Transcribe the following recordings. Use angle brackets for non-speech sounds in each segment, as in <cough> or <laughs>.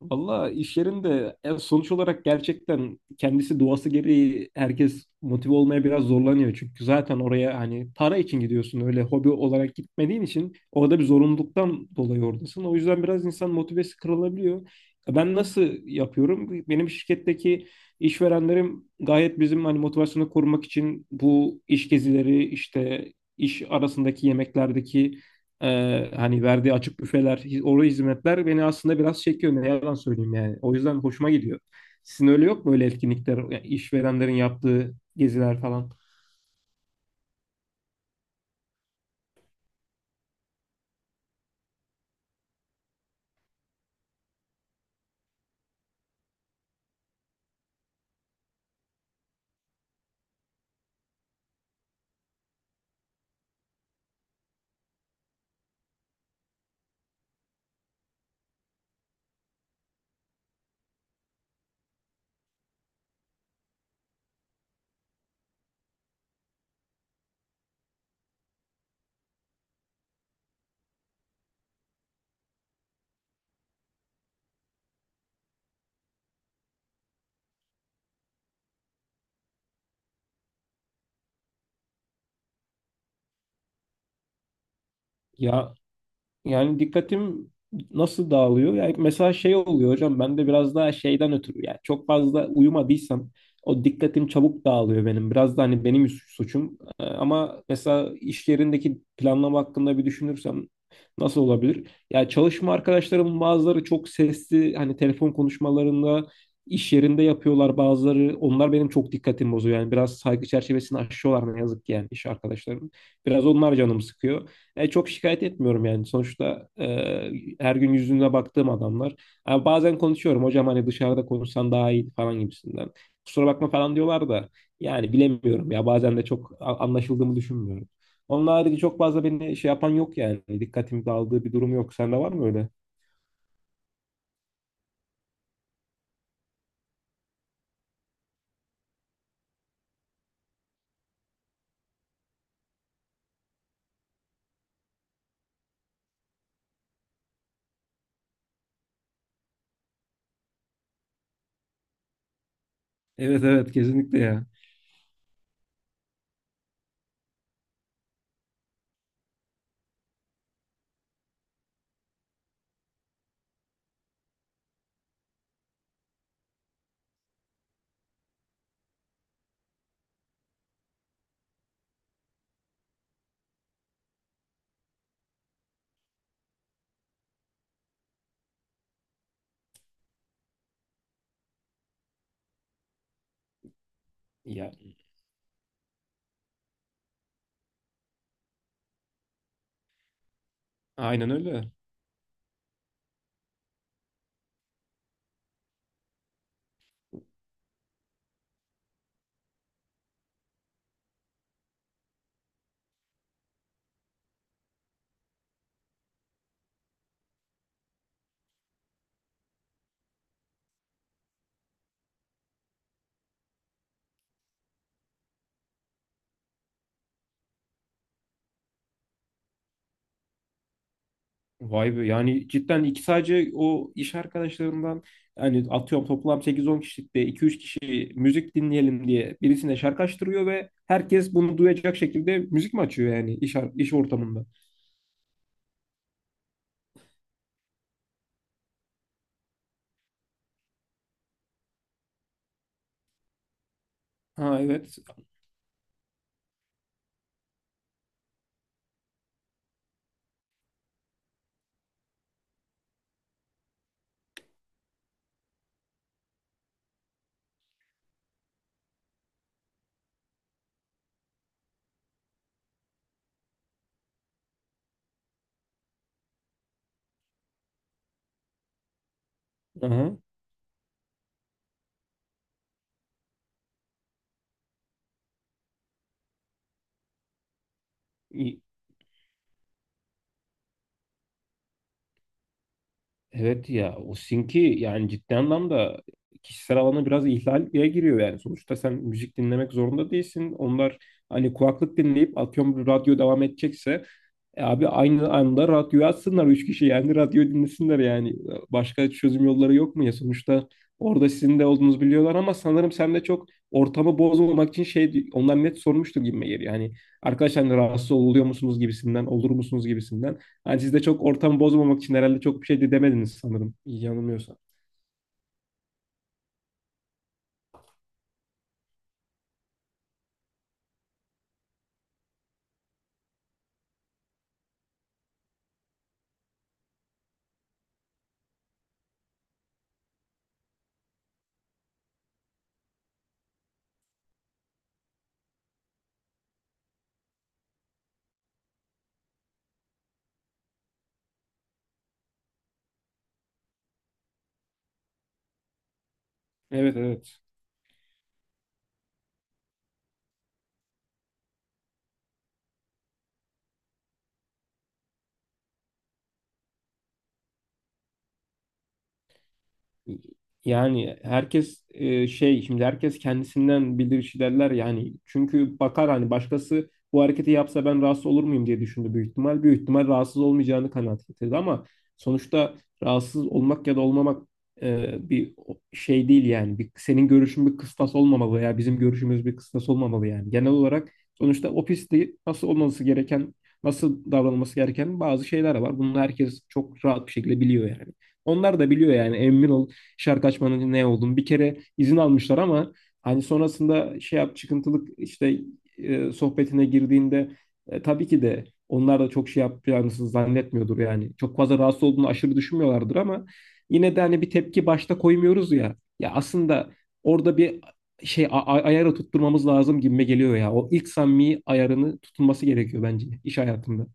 Valla iş yerinde sonuç olarak gerçekten kendisi doğası gereği herkes motive olmaya biraz zorlanıyor. Çünkü zaten oraya hani para için gidiyorsun öyle hobi olarak gitmediğin için orada bir zorunluluktan dolayı oradasın. O yüzden biraz insan motivesi kırılabiliyor. Ben nasıl yapıyorum? Benim şirketteki işverenlerim gayet bizim hani motivasyonu korumak için bu iş gezileri işte iş arasındaki yemeklerdeki hani verdiği açık büfeler, oru hizmetler beni aslında biraz çekiyor. Ne yalan söyleyeyim yani. O yüzden hoşuma gidiyor. Sizin öyle yok mu öyle etkinlikler, yani işverenlerin yaptığı geziler falan? Ya, yani dikkatim nasıl dağılıyor? Yani mesela şey oluyor hocam ben de biraz daha şeyden ötürü yani çok fazla uyumadıysam o dikkatim çabuk dağılıyor benim. Biraz da hani benim suçum. Ama mesela iş yerindeki planlama hakkında bir düşünürsem nasıl olabilir? Ya çalışma arkadaşlarımın bazıları çok sesli hani telefon konuşmalarında iş yerinde yapıyorlar bazıları. Onlar benim çok dikkatimi bozuyor. Yani biraz saygı çerçevesini aşıyorlar ne yazık ki yani iş arkadaşlarım. Biraz onlar canımı sıkıyor. Çok şikayet etmiyorum yani. Sonuçta her gün yüzüne baktığım adamlar. Ha, bazen konuşuyorum hocam hani dışarıda konuşsan daha iyi falan gibisinden. Kusura bakma falan diyorlar da yani bilemiyorum ya bazen de çok anlaşıldığımı düşünmüyorum. Onun harici çok fazla beni şey yapan yok yani. Dikkatimi dağıldığı bir durum yok. Sende var mı öyle? Evet, evet, kesinlikle ya. Ya aynen öyle. Vay be yani cidden iki sadece o iş arkadaşlarımdan yani atıyorum toplam sekiz on kişilikte iki üç kişi müzik dinleyelim diye birisine şarkı açtırıyor ve herkes bunu duyacak şekilde müzik mi açıyor yani iş ortamında? Ha, evet. Aha. Evet ya o sinki yani ciddi anlamda kişisel alana biraz ihlal giriyor yani. Sonuçta sen müzik dinlemek zorunda değilsin. Onlar hani kulaklık dinleyip atıyorum bir radyo devam edecekse e abi aynı anda radyoyu açsınlar üç kişi yani radyo dinlesinler yani. Başka çözüm yolları yok mu ya? Sonuçta orada sizin de olduğunuzu biliyorlar ama sanırım sen de çok ortamı bozmamak için şey onlar net sormuştur gibime geliyor. Yani arkadaşlar hani rahatsız oluyor musunuz gibisinden, olur musunuz gibisinden. Yani siz de çok ortam bozmamak için herhalde çok bir şey de demediniz sanırım. İyi yanılmıyorsam. Evet, evet. Yani herkes şey şimdi herkes kendisinden bilirişi derler yani çünkü bakar hani başkası bu hareketi yapsa ben rahatsız olur muyum diye düşündü büyük ihtimal. Büyük ihtimal rahatsız olmayacağını kanaat getirdi ama sonuçta rahatsız olmak ya da olmamak bir şey değil yani. Bir, senin görüşün bir kıstas olmamalı ya bizim görüşümüz bir kıstas olmamalı yani. Genel olarak sonuçta o pistte nasıl olması gereken, nasıl davranılması gereken bazı şeyler var. Bunu herkes çok rahat bir şekilde biliyor yani. Onlar da biliyor yani emin ol şarkı açmanın ne olduğunu. Bir kere izin almışlar ama hani sonrasında şey yap çıkıntılık işte sohbetine girdiğinde tabii ki de onlar da çok şey yapacağını zannetmiyordur yani. Çok fazla rahatsız olduğunu aşırı düşünmüyorlardır ama yine de hani bir tepki başta koymuyoruz ya. Ya aslında orada bir şey ayarı tutturmamız lazım gibime geliyor ya. O ilk samimi ayarını tutulması gerekiyor bence iş hayatında.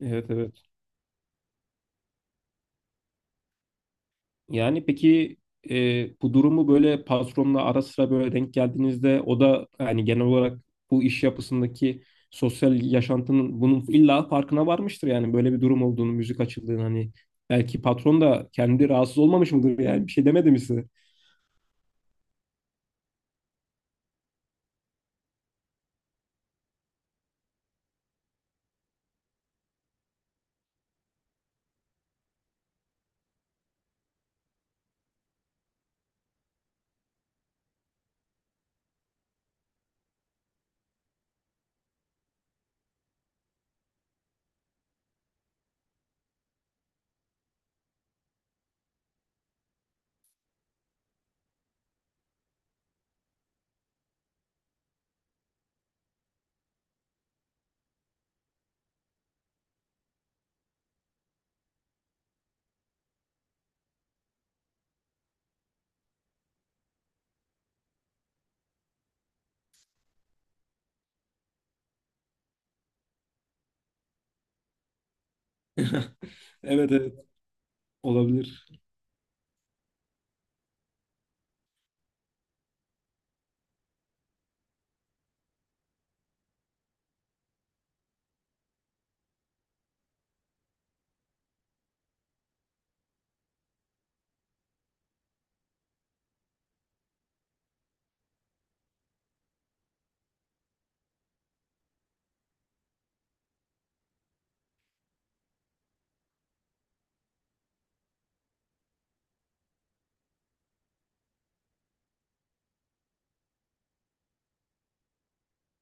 Evet, evet. Yani peki bu durumu böyle patronla ara sıra böyle denk geldiğinizde o da yani genel olarak bu iş yapısındaki sosyal yaşantının bunun illa farkına varmıştır yani böyle bir durum olduğunu, müzik açıldığını hani belki patron da kendi rahatsız olmamış mıdır yani bir şey demedi mi size? <laughs> Evet, evet, olabilir.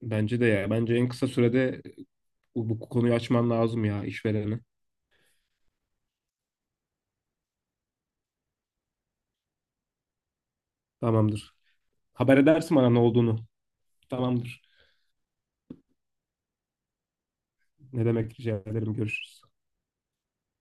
Bence de ya. Bence en kısa sürede bu konuyu açman lazım ya işverene. Tamamdır. Haber edersin bana ne olduğunu. Tamamdır. Ne demek, rica ederim. Görüşürüz.